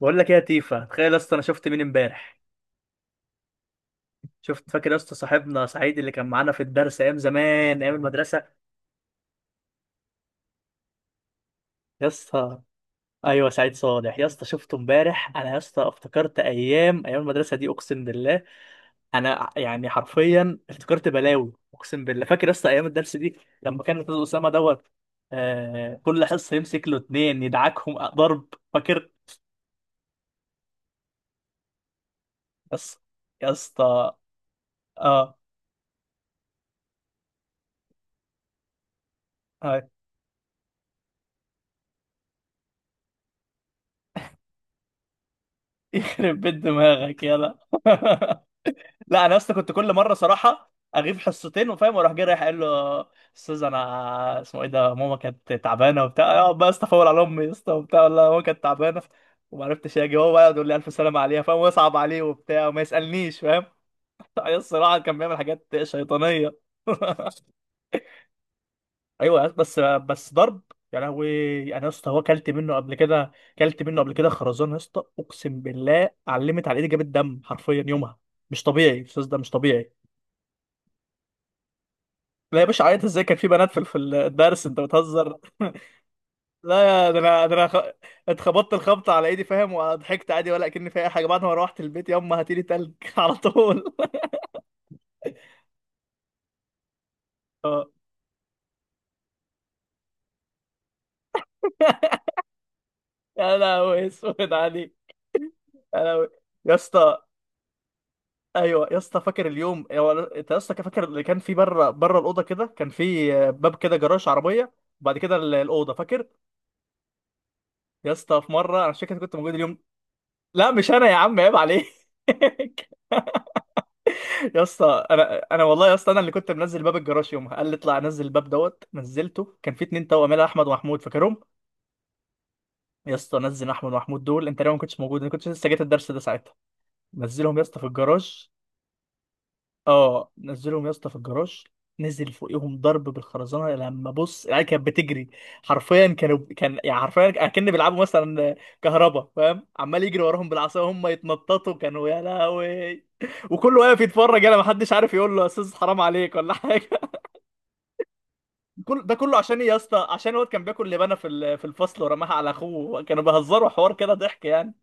بقول لك ايه يا تيفا. تخيل يا اسطى، انا شفت مين امبارح؟ شفت، فاكر يا اسطى صاحبنا سعيد اللي كان معانا في الدرس ايام زمان، ايام المدرسه؟ يا اسطى ايوه، سعيد صالح يا اسطى. شفته امبارح. انا يا اسطى افتكرت ايام المدرسه دي، اقسم بالله. انا يعني حرفيا افتكرت بلاوي اقسم بالله. فاكر يا اسطى ايام الدرس دي لما كان الاستاذ اسامه دوت؟ آه، كل حصه يمسك له اتنين يدعكهم ضرب، فاكر؟ يا اسطى، يا اسطى، اه، آه، يخرب بيت دماغك يلا. لا انا اصلا كنت كل مره صراحه اغيب حصتين وفاهم، واروح جاي رايح قايل له استاذ انا اسمه ايه ده ماما كانت تعبانه وبتاع، اقعد بقى استفول على امي يا اسطى وبتاع، والله ماما كانت تعبانه وما عرفتش اجي. هو بقى يقعد يقول لي الف سلامه عليها فاهم ويصعب عليه وبتاع وما يسالنيش فاهم. الصراحه كان بيعمل حاجات شيطانيه. ايوه يا اسطى، بس ضرب. يا لهوي. انا يا اسطى هو كلت منه قبل كده، كلت منه قبل كده خرزان يا اسطى، اقسم بالله علمت على ايدي جابت دم حرفيا يومها. مش طبيعي الاستاذ ده، مش طبيعي. لا يا باشا، عيط ازاي، كان في بنات في الدرس، انت بتهزر؟ لا يا ده انا ده انا اتخبطت الخبطه على ايدي فاهم، وضحكت عادي ولا كأني في اي حاجه. بعد ما روحت البيت، يما هاتيلي تلج على طول. اه. يا لهوي اسود عليك. يا لهوي يا اسطى. ايوه يا اسطى، فاكر اليوم هو، انت يا اسطى كان فاكر اللي كان في بره الاوضه كده، كان في باب كده جراج عربيه، وبعد كده الاوضه، فاكر؟ يا اسطى في مره، انا مش فاكر انت كنت موجود اليوم. لا مش انا يا عم، عيب عليك. يا اسطى انا والله يا اسطى انا اللي كنت منزل باب الجراج يومها. قال لي اطلع نزل الباب دوت. نزلته، كان في اتنين توأم يلا احمد ومحمود، فاكرهم؟ يا اسطى نزل احمد ومحمود دول، انت لو ما كنتش موجود، انا كنت لسه جيت الدرس ده ساعتها. نزلهم يا اسطى في الجراج. اه، نزلهم يا اسطى في الجراج، نزل فوقيهم ضرب بالخرزانه. لما بص العيال كانت بتجري، حرفيا كانوا، كان يعني حرفيا اكن بيلعبوا مثلا كهربا فاهم، عمال يجري وراهم بالعصا وهم يتنططوا. كانوا يا لهوي، وكله واقف يتفرج. انا ما حدش عارف يقول له يا استاذ حرام عليك ولا حاجه. كل ده كله عشان ايه يا اسطى؟ عشان الواد كان بياكل لبانه في في الفصل ورماها على اخوه. كانوا بيهزروا حوار كده، ضحك يعني.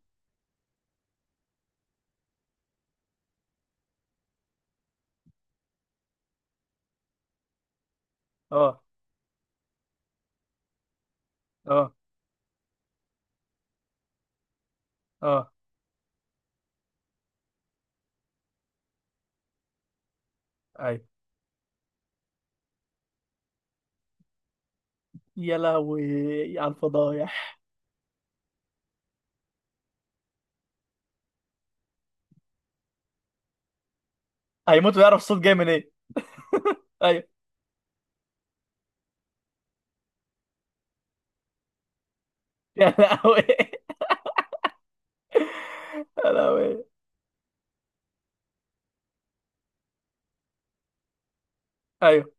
اه، اه، اه، ايوه. يا لهوي على الفضايح. هيموت ويعرف الصوت جاي من ايه. ايوه. يا لهوي. يا لهوي. ايوه.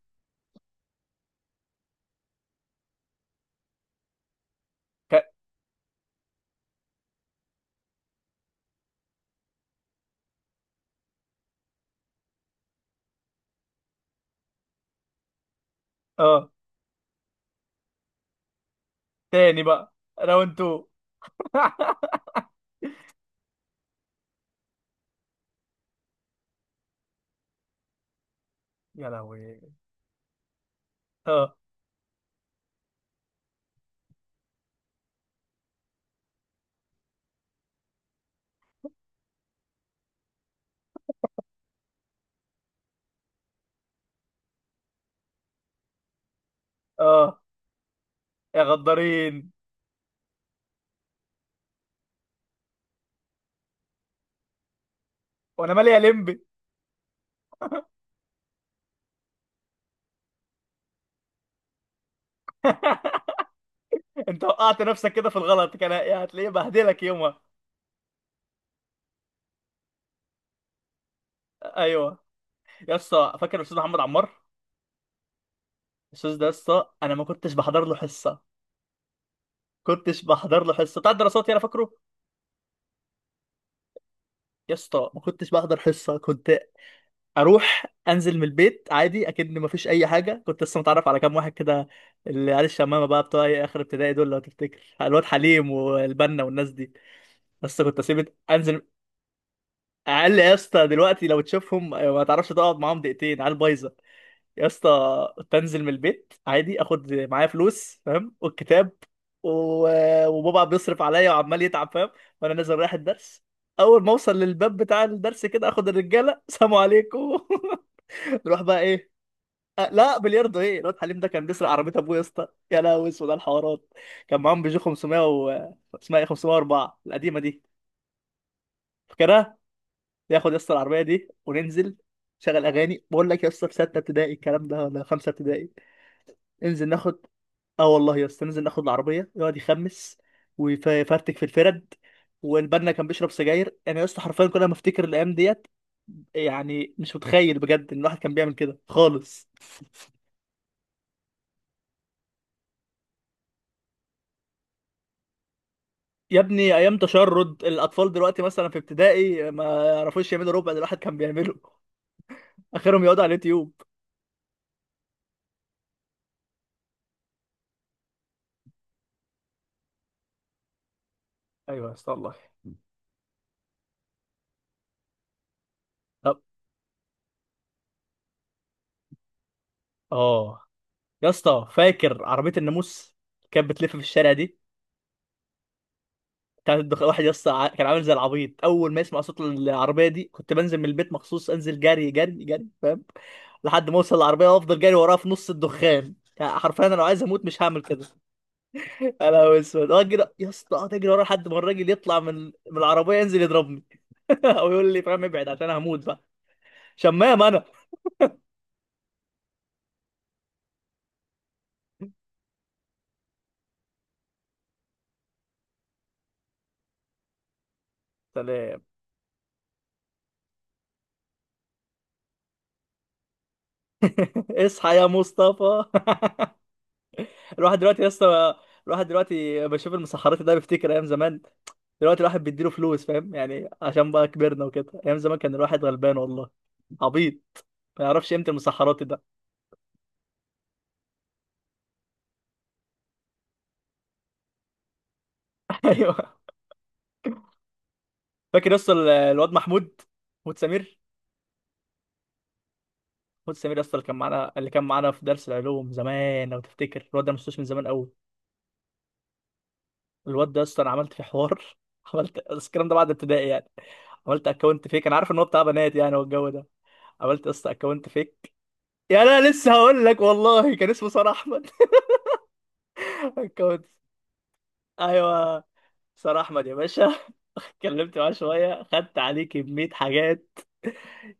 ك... اه. تاني بقى، راوند 2. يا لهوي. اه، اه، يا غدارين. وانا مالي يا لمبي. انت وقعت نفسك كده في الغلط، كان يعني هتلاقيه بهدلك يومها. ايوه يا اسطى، فاكر الاستاذ محمد عمار؟ الاستاذ ده يا اسطى انا ما كنتش بحضر له حصه، كنتش بحضر له حصه بتاع الدراسات يعني، فاكره؟ يا اسطى ما كنتش بحضر حصه، كنت اروح انزل من البيت عادي اكن ما فيش اي حاجه. كنت لسه متعرف على كام واحد كده، اللي عيال الشمامه بقى بتوع إيه اخر ابتدائي دول، لو تفتكر الواد حليم والبنا والناس دي. بس كنت اسيب انزل. اقل يا اسطى، دلوقتي لو تشوفهم ما تعرفش تقعد معاهم دقيقتين، عيال بايظه. يا اسطى بنزل من البيت عادي، اخد معايا فلوس فاهم والكتاب، وبابا بيصرف عليا وعمال يتعب فاهم، وانا نازل رايح الدرس. اول ما اوصل للباب بتاع الدرس كده، اخد الرجاله سلام عليكم. نروح بقى ايه؟ أه لا بلياردو. ايه الواد حليم ده كان بيسرق عربيه ابوه يا اسطى، يا لهوي اسود على الحوارات. كان معاهم بيجو 500 و، اسمها ايه، 504 القديمه دي، فاكرها؟ ياخد يا اسطى العربيه دي وننزل شغل اغاني. بقول لك يا اسطى في 6 ابتدائي الكلام ده، ولا 5 ابتدائي. انزل ناخد. اه والله يا اسطى، ننزل ناخد العربيه يقعد يخمس ويفرتك في الفرد. والبنا كان بيشرب سجاير. انا يا اسطى حرفيا كل ما افتكر الايام ديت، يعني مش متخيل بجد ان الواحد كان بيعمل كده خالص. يا ابني ايام تشرد الاطفال دلوقتي مثلا في ابتدائي ما يعرفوش يعملوا ربع اللي الواحد كان بيعمله. اخرهم يقعدوا على اليوتيوب. ايوه يا اسطى والله. طب اه يا اسطى، فاكر عربيه الناموس كانت بتلف في الشارع دي؟ كان واحد يس كان عامل زي العبيط، اول ما يسمع صوت العربيه دي كنت بنزل من البيت مخصوص، انزل جري جري جري فاهم، لحد ما اوصل العربيه وافضل جري وراها في نص الدخان. يعني حرفيا انا لو عايز اموت مش هعمل كده. انا اسود اجري يا اسطى، اقعد اجري ورا لحد ما الراجل يطلع من العربيه، ينزل يضربني او يقول لي فاهم ابعد عشان هموت بقى. شمام انا. سلام. اصحى يا مصطفى. الواحد دلوقتي يا اسطى، الواحد دلوقتي بشوف المسحرات ده بيفتكر ايام زمان. دلوقتي الواحد بيديله فلوس فاهم يعني، عشان بقى كبرنا وكده. ايام زمان كان الواحد غلبان والله، عبيط، ما يعرفش قيمه المسحرات ده. ايوه. فاكر يا اسطى الواد محمود سمير. محمود سمير يا اسطى اللي كان معانا، اللي كان معانا في درس العلوم زمان، لو تفتكر الواد ده، مش من زمان قوي. الواد ده يا اسطى انا عملت فيه حوار، عملت بس الكلام ده بعد ابتدائي يعني. عملت اكونت فيك، انا عارف ان هو بتاع بنات يعني والجو ده، عملت يا اسطى اكونت فيك. يعني انا لسه هقول لك والله، كان اسمه سار احمد. كنت، ايوه، سار احمد يا باشا. اتكلمت معاه شويه، خدت عليه كميه حاجات.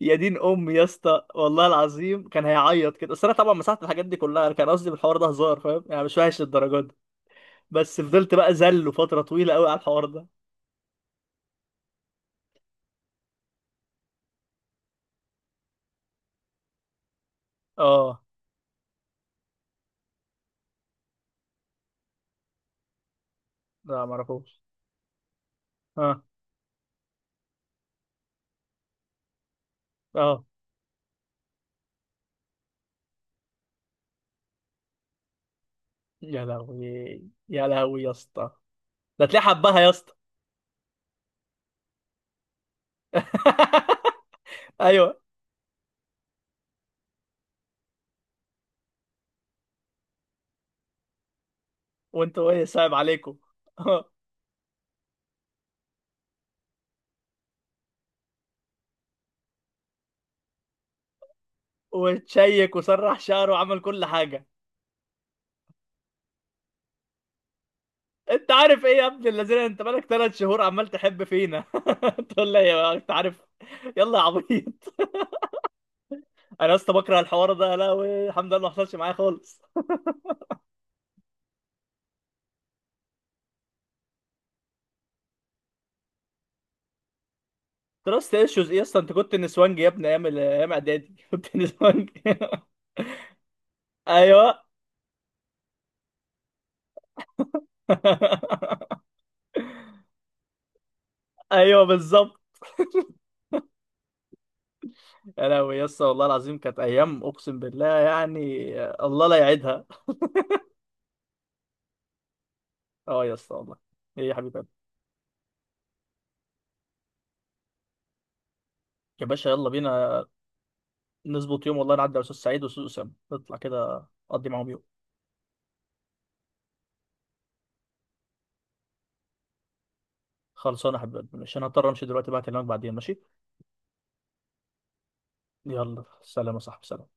يا دين امي يا اسطى والله العظيم كان هيعيط كده. بس انا طبعا مسحت الحاجات دي كلها، انا كان قصدي بالحوار ده هزار فاهم، يعني مش وحش للدرجه دي. بس فضلت بقى زله فتره طويله قوي على الحوار ده. اه. لا معرفوش. اه، اه. يا لهوي. يا لهوي يا اسطى. ده تلاقيه حبها يا اسطى. ايوه. وانتوا ايه، صعب عليكم؟ وتشيك وسرح شعره وعمل كل حاجة. انت عارف ايه يا ابن الذين، انت بقالك 3 شهور عمال تحب فينا. تقول لي يا انت عارف. يلا يا عبيط. انا اصلا بكره الحوار ده، لا. الحمد لله ما حصلش معايا خالص. تراست ايشوز ايه اصلا، انت كنت نسوانجي يا ابني ايام ايام اعدادي. كنت نسوانجي. ايوه. ايوه بالظبط. يا لهوي يا اسطى والله العظيم كانت ايام اقسم بالله يعني، الله لا يعيدها. اه يا اسطى والله. ايه يا حبيبي؟ يا باشا يلا بينا، نظبط يوم والله نعدي على أستاذ سعيد وأستاذ أسامة، نطلع كده أقضي معاهم يوم. خلصانة يا حبيبي، مش أنا هضطر أمشي دلوقتي بقى، أكلمك بعدين ماشي. يلا سلام يا صاحبي، سلام.